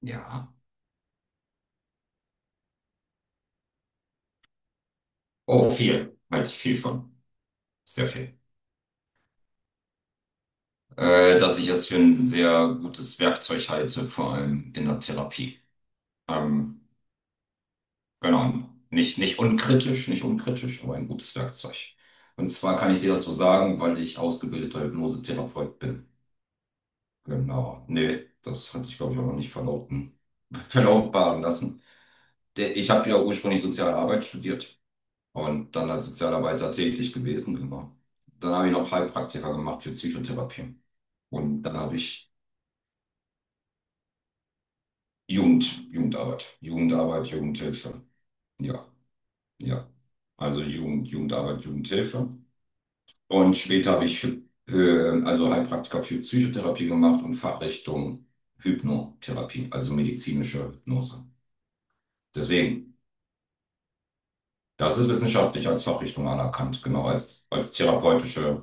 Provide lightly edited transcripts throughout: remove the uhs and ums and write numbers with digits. Ja. Oh, viel. Halte ich viel von. Sehr viel. Dass ich es für ein sehr gutes Werkzeug halte, vor allem in der Therapie. Ähm, genau. Nicht, nicht unkritisch, nicht unkritisch, aber ein gutes Werkzeug. Und zwar kann ich dir das so sagen, weil ich ausgebildeter Hypnosetherapeut bin. Genau. Nee, das hatte ich, glaube ich, auch noch nicht verlauten, verlautbaren lassen. Ich habe ja ursprünglich Sozialarbeit studiert. Und dann als Sozialarbeiter tätig gewesen immer. Dann habe ich noch Heilpraktiker gemacht für Psychotherapie. Und dann habe ich Jugendarbeit, Jugendhilfe. Ja, ja. Also Jugendarbeit, Jugendhilfe. Und später habe ich also Heilpraktiker für Psychotherapie gemacht und Fachrichtung Hypnotherapie, also medizinische Hypnose. Deswegen. Das ist wissenschaftlich als Fachrichtung anerkannt, genau, als therapeutische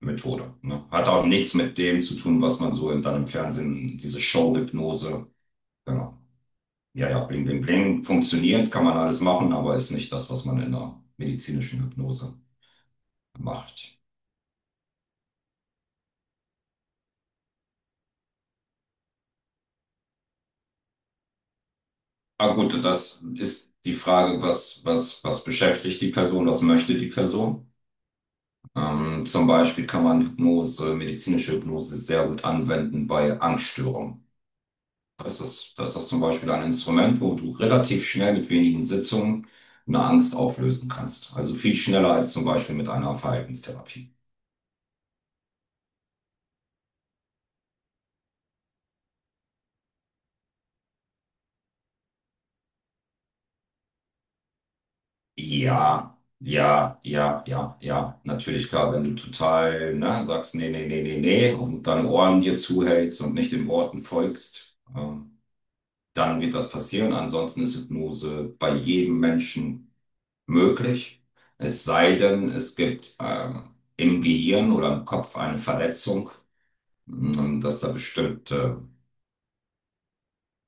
Methode. Ne? Hat auch nichts mit dem zu tun, was man so dann im Fernsehen, diese Show-Hypnose, genau. Ja, ja, bling, bling, bling, funktioniert, kann man alles machen, aber ist nicht das, was man in der medizinischen Hypnose macht. Ah, gut, das ist die Frage, was beschäftigt die Person, was möchte die Person? Zum Beispiel kann man Hypnose, medizinische Hypnose sehr gut anwenden bei Angststörungen. Das ist zum Beispiel ein Instrument, wo du relativ schnell mit wenigen Sitzungen eine Angst auflösen kannst. Also viel schneller als zum Beispiel mit einer Verhaltenstherapie. Ja, ja, ja, ja, ja. Natürlich, klar, wenn du total, ne, sagst, nee, nee, nee, nee, nee, und deine Ohren dir zuhältst und nicht den Worten folgst, dann wird das passieren. Ansonsten ist Hypnose bei jedem Menschen möglich. Es sei denn, es gibt, im Gehirn oder im Kopf eine Verletzung. Und dass da bestimmte,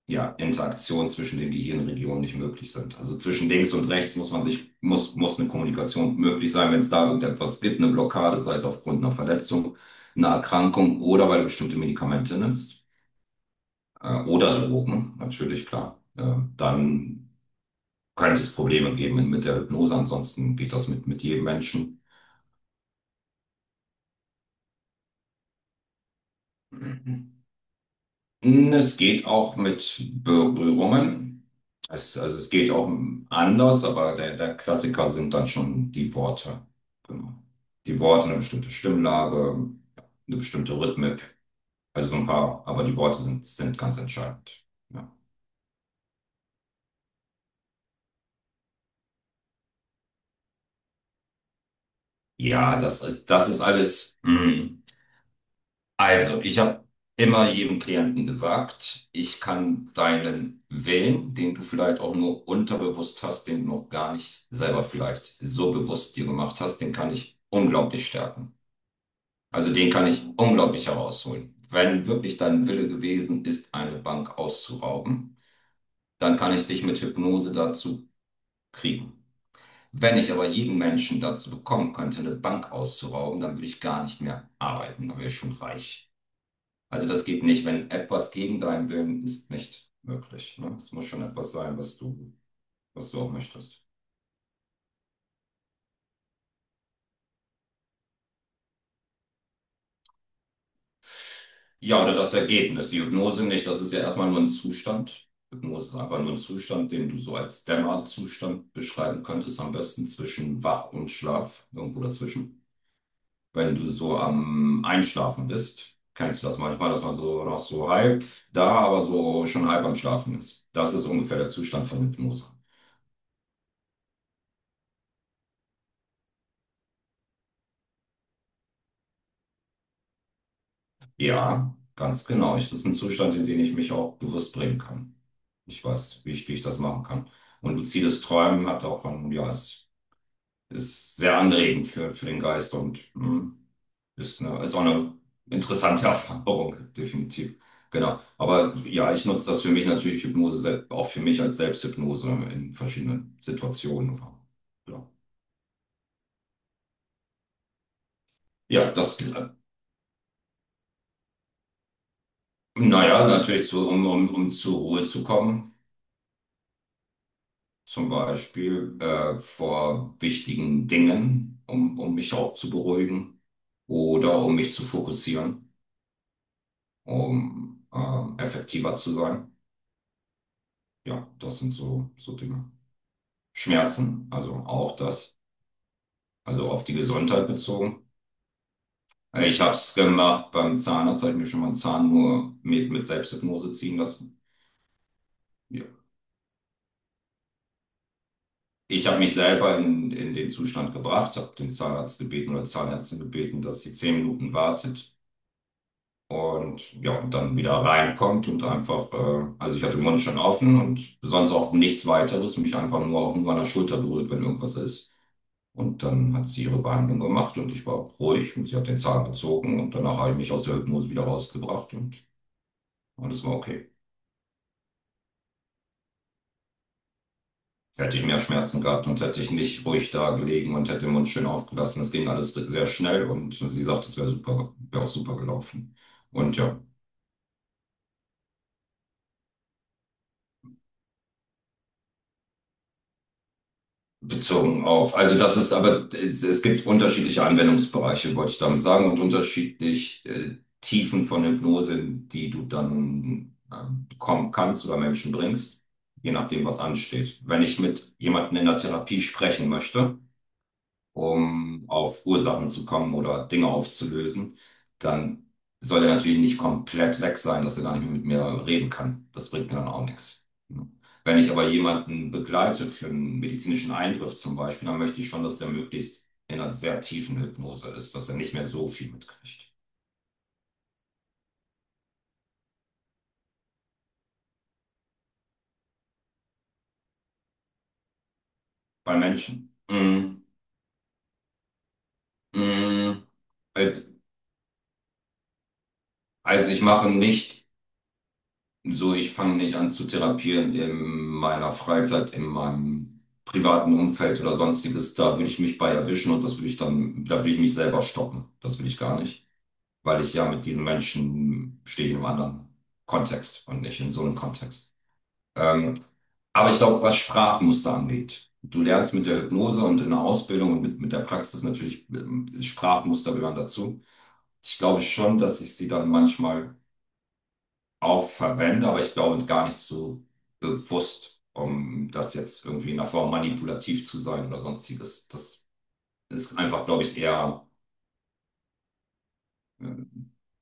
ja, Interaktionen zwischen den Gehirnregionen nicht möglich sind. Also zwischen links und rechts muss eine Kommunikation möglich sein, wenn es da irgendetwas gibt, eine Blockade, sei es aufgrund einer Verletzung, einer Erkrankung oder weil du bestimmte Medikamente nimmst, oder Drogen, natürlich klar. Dann könnte es Probleme geben mit der Hypnose, ansonsten geht das mit jedem Menschen. Es geht auch mit Berührungen. Also es geht auch anders, aber der Klassiker sind dann schon die Worte. Genau. Die Worte, eine bestimmte Stimmlage, eine bestimmte Rhythmik. Also so ein paar, aber die Worte sind ganz entscheidend. Ja, ja, das ist alles. Mm. Also, ich habe immer jedem Klienten gesagt, ich kann deinen Willen, den du vielleicht auch nur unterbewusst hast, den du noch gar nicht selber vielleicht so bewusst dir gemacht hast, den kann ich unglaublich stärken. Also den kann ich unglaublich herausholen. Wenn wirklich dein Wille gewesen ist, eine Bank auszurauben, dann kann ich dich mit Hypnose dazu kriegen. Wenn ich aber jeden Menschen dazu bekommen könnte, eine Bank auszurauben, dann würde ich gar nicht mehr arbeiten, dann wäre ich schon reich. Also das geht nicht, wenn etwas gegen deinen Willen ist, nicht möglich. Ne? Es muss schon etwas sein, was du auch möchtest. Ja, oder das Ergebnis. Die Hypnose nicht, das ist ja erstmal nur ein Zustand. Hypnose ist einfach nur ein Zustand, den du so als Dämmerzustand beschreiben könntest, am besten zwischen Wach und Schlaf, irgendwo dazwischen. Wenn du so am Einschlafen bist, kennst du das manchmal, dass man so noch so halb da, aber so schon halb am Schlafen ist. Das ist ungefähr der Zustand von Hypnose. Ja, ganz genau. Das ist ein Zustand, in den ich mich auch bewusst bringen kann. Ich weiß, wie ich das machen kann. Und luzides Träumen hat auch ein, ja, es ist sehr anregend für den Geist und ist auch eine interessante Erfahrung, definitiv. Genau. Aber ja, ich nutze das für mich natürlich, Hypnose, auch für mich als Selbsthypnose in verschiedenen Situationen. Ja, ja, naja, natürlich, um zur Ruhe zu kommen. Zum Beispiel vor wichtigen Dingen, um mich auch zu beruhigen oder um mich zu fokussieren, um effektiver zu sein. Ja, das sind so Dinge. Schmerzen, also auch das, also auf die Gesundheit bezogen. Ich habe es gemacht beim Zahnarzt, habe ich mir schon mal einen Zahn nur mit Selbsthypnose ziehen lassen. Ja. Ich habe mich selber in den Zustand gebracht, habe den Zahnarzt gebeten oder Zahnärztin gebeten, dass sie 10 Minuten wartet. Und ja, und dann wieder reinkommt und einfach, also ich hatte den Mund schon offen und sonst auch nichts weiteres, mich einfach nur auch nur an der Schulter berührt, wenn irgendwas ist. Und dann hat sie ihre Behandlung gemacht und ich war ruhig und sie hat den Zahn gezogen und danach habe ich mich aus der Hypnose wieder rausgebracht und alles war okay. Hätte ich mehr Schmerzen gehabt und hätte ich nicht ruhig da gelegen und hätte den Mund schön aufgelassen. Es ging alles sehr schnell und sie sagt, es wäre super, wäre auch super gelaufen. Und ja, bezogen auf. Also das ist aber, es gibt unterschiedliche Anwendungsbereiche, wollte ich damit sagen, und unterschiedlich Tiefen von Hypnose, die du dann bekommen kannst oder Menschen bringst, je nachdem, was ansteht. Wenn ich mit jemandem in der Therapie sprechen möchte, um auf Ursachen zu kommen oder Dinge aufzulösen, dann soll er natürlich nicht komplett weg sein, dass er gar nicht mehr mit mir reden kann. Das bringt mir dann auch nichts. Wenn ich aber jemanden begleite für einen medizinischen Eingriff zum Beispiel, dann möchte ich schon, dass der möglichst in einer sehr tiefen Hypnose ist, dass er nicht mehr so viel mitkriegt. Bei Menschen. Mm, Halt, also ich mache nicht. Ich fange nicht an zu therapieren in meiner Freizeit, in meinem privaten Umfeld oder sonstiges. Da würde ich mich bei erwischen und das würde ich dann, da würde ich mich selber stoppen. Das will ich gar nicht, weil ich ja mit diesen Menschen stehe ich in einem anderen Kontext und nicht in so einem Kontext. Ähm, aber ich glaube, was Sprachmuster angeht, du lernst mit der Hypnose und in der Ausbildung und mit der Praxis natürlich Sprachmuster gehören dazu. Ich glaube schon, dass ich sie dann manchmal auch verwende, aber ich glaube gar nicht so bewusst, um das jetzt irgendwie in der Form manipulativ zu sein oder sonstiges. Das ist einfach, glaube ich, eher, äh,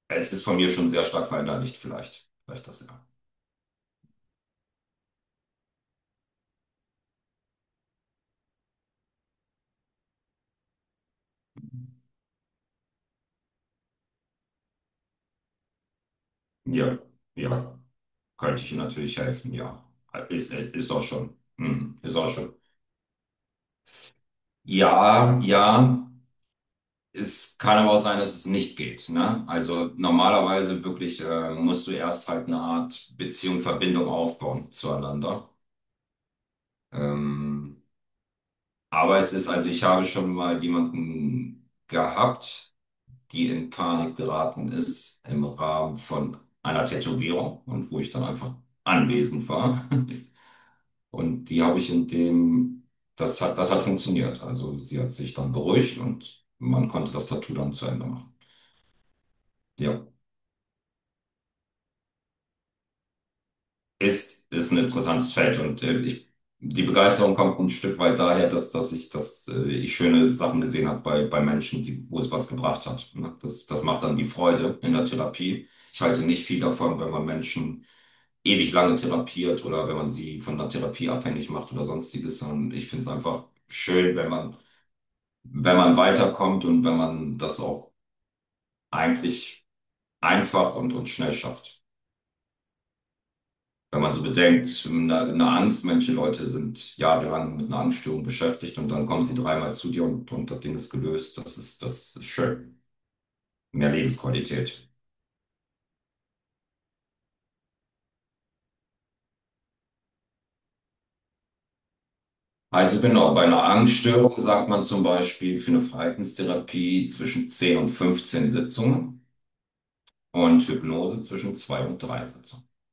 es ist von mir schon sehr stark verinnerlicht, vielleicht. Vielleicht das ja. Ja, ja, könnte ich Ihnen natürlich helfen, ja. Ist auch schon. Hm, ist auch schon. Ja, ja. Es kann aber auch sein, dass es nicht geht. Ne? Also normalerweise wirklich musst du erst halt eine Art Beziehung, Verbindung aufbauen zueinander. Ähm, aber es ist, also ich habe schon mal jemanden gehabt, die in Panik geraten ist im Rahmen von einer Tätowierung und wo ich dann einfach anwesend war. Und die habe ich in dem, das hat funktioniert. Also sie hat sich dann beruhigt und man konnte das Tattoo dann zu Ende machen. Ja. Ist ein interessantes Feld und die Begeisterung kommt ein Stück weit daher, dass ich schöne Sachen gesehen habe bei Menschen, wo es was gebracht hat. Ne? Das macht dann die Freude in der Therapie. Ich halte nicht viel davon, wenn man Menschen ewig lange therapiert oder wenn man sie von der Therapie abhängig macht oder sonstiges, sondern ich finde es einfach schön, wenn man, wenn man weiterkommt und wenn man das auch eigentlich einfach und schnell schafft. Wenn man so bedenkt, eine Angst, manche Leute sind jahrelang mit einer Angststörung beschäftigt und dann kommen sie dreimal zu dir und das Ding ist gelöst. Das ist schön. Mehr Lebensqualität. Also genau, bei einer Angststörung sagt man zum Beispiel für eine Verhaltenstherapie zwischen 10 und 15 Sitzungen und Hypnose zwischen 2 und 3 Sitzungen.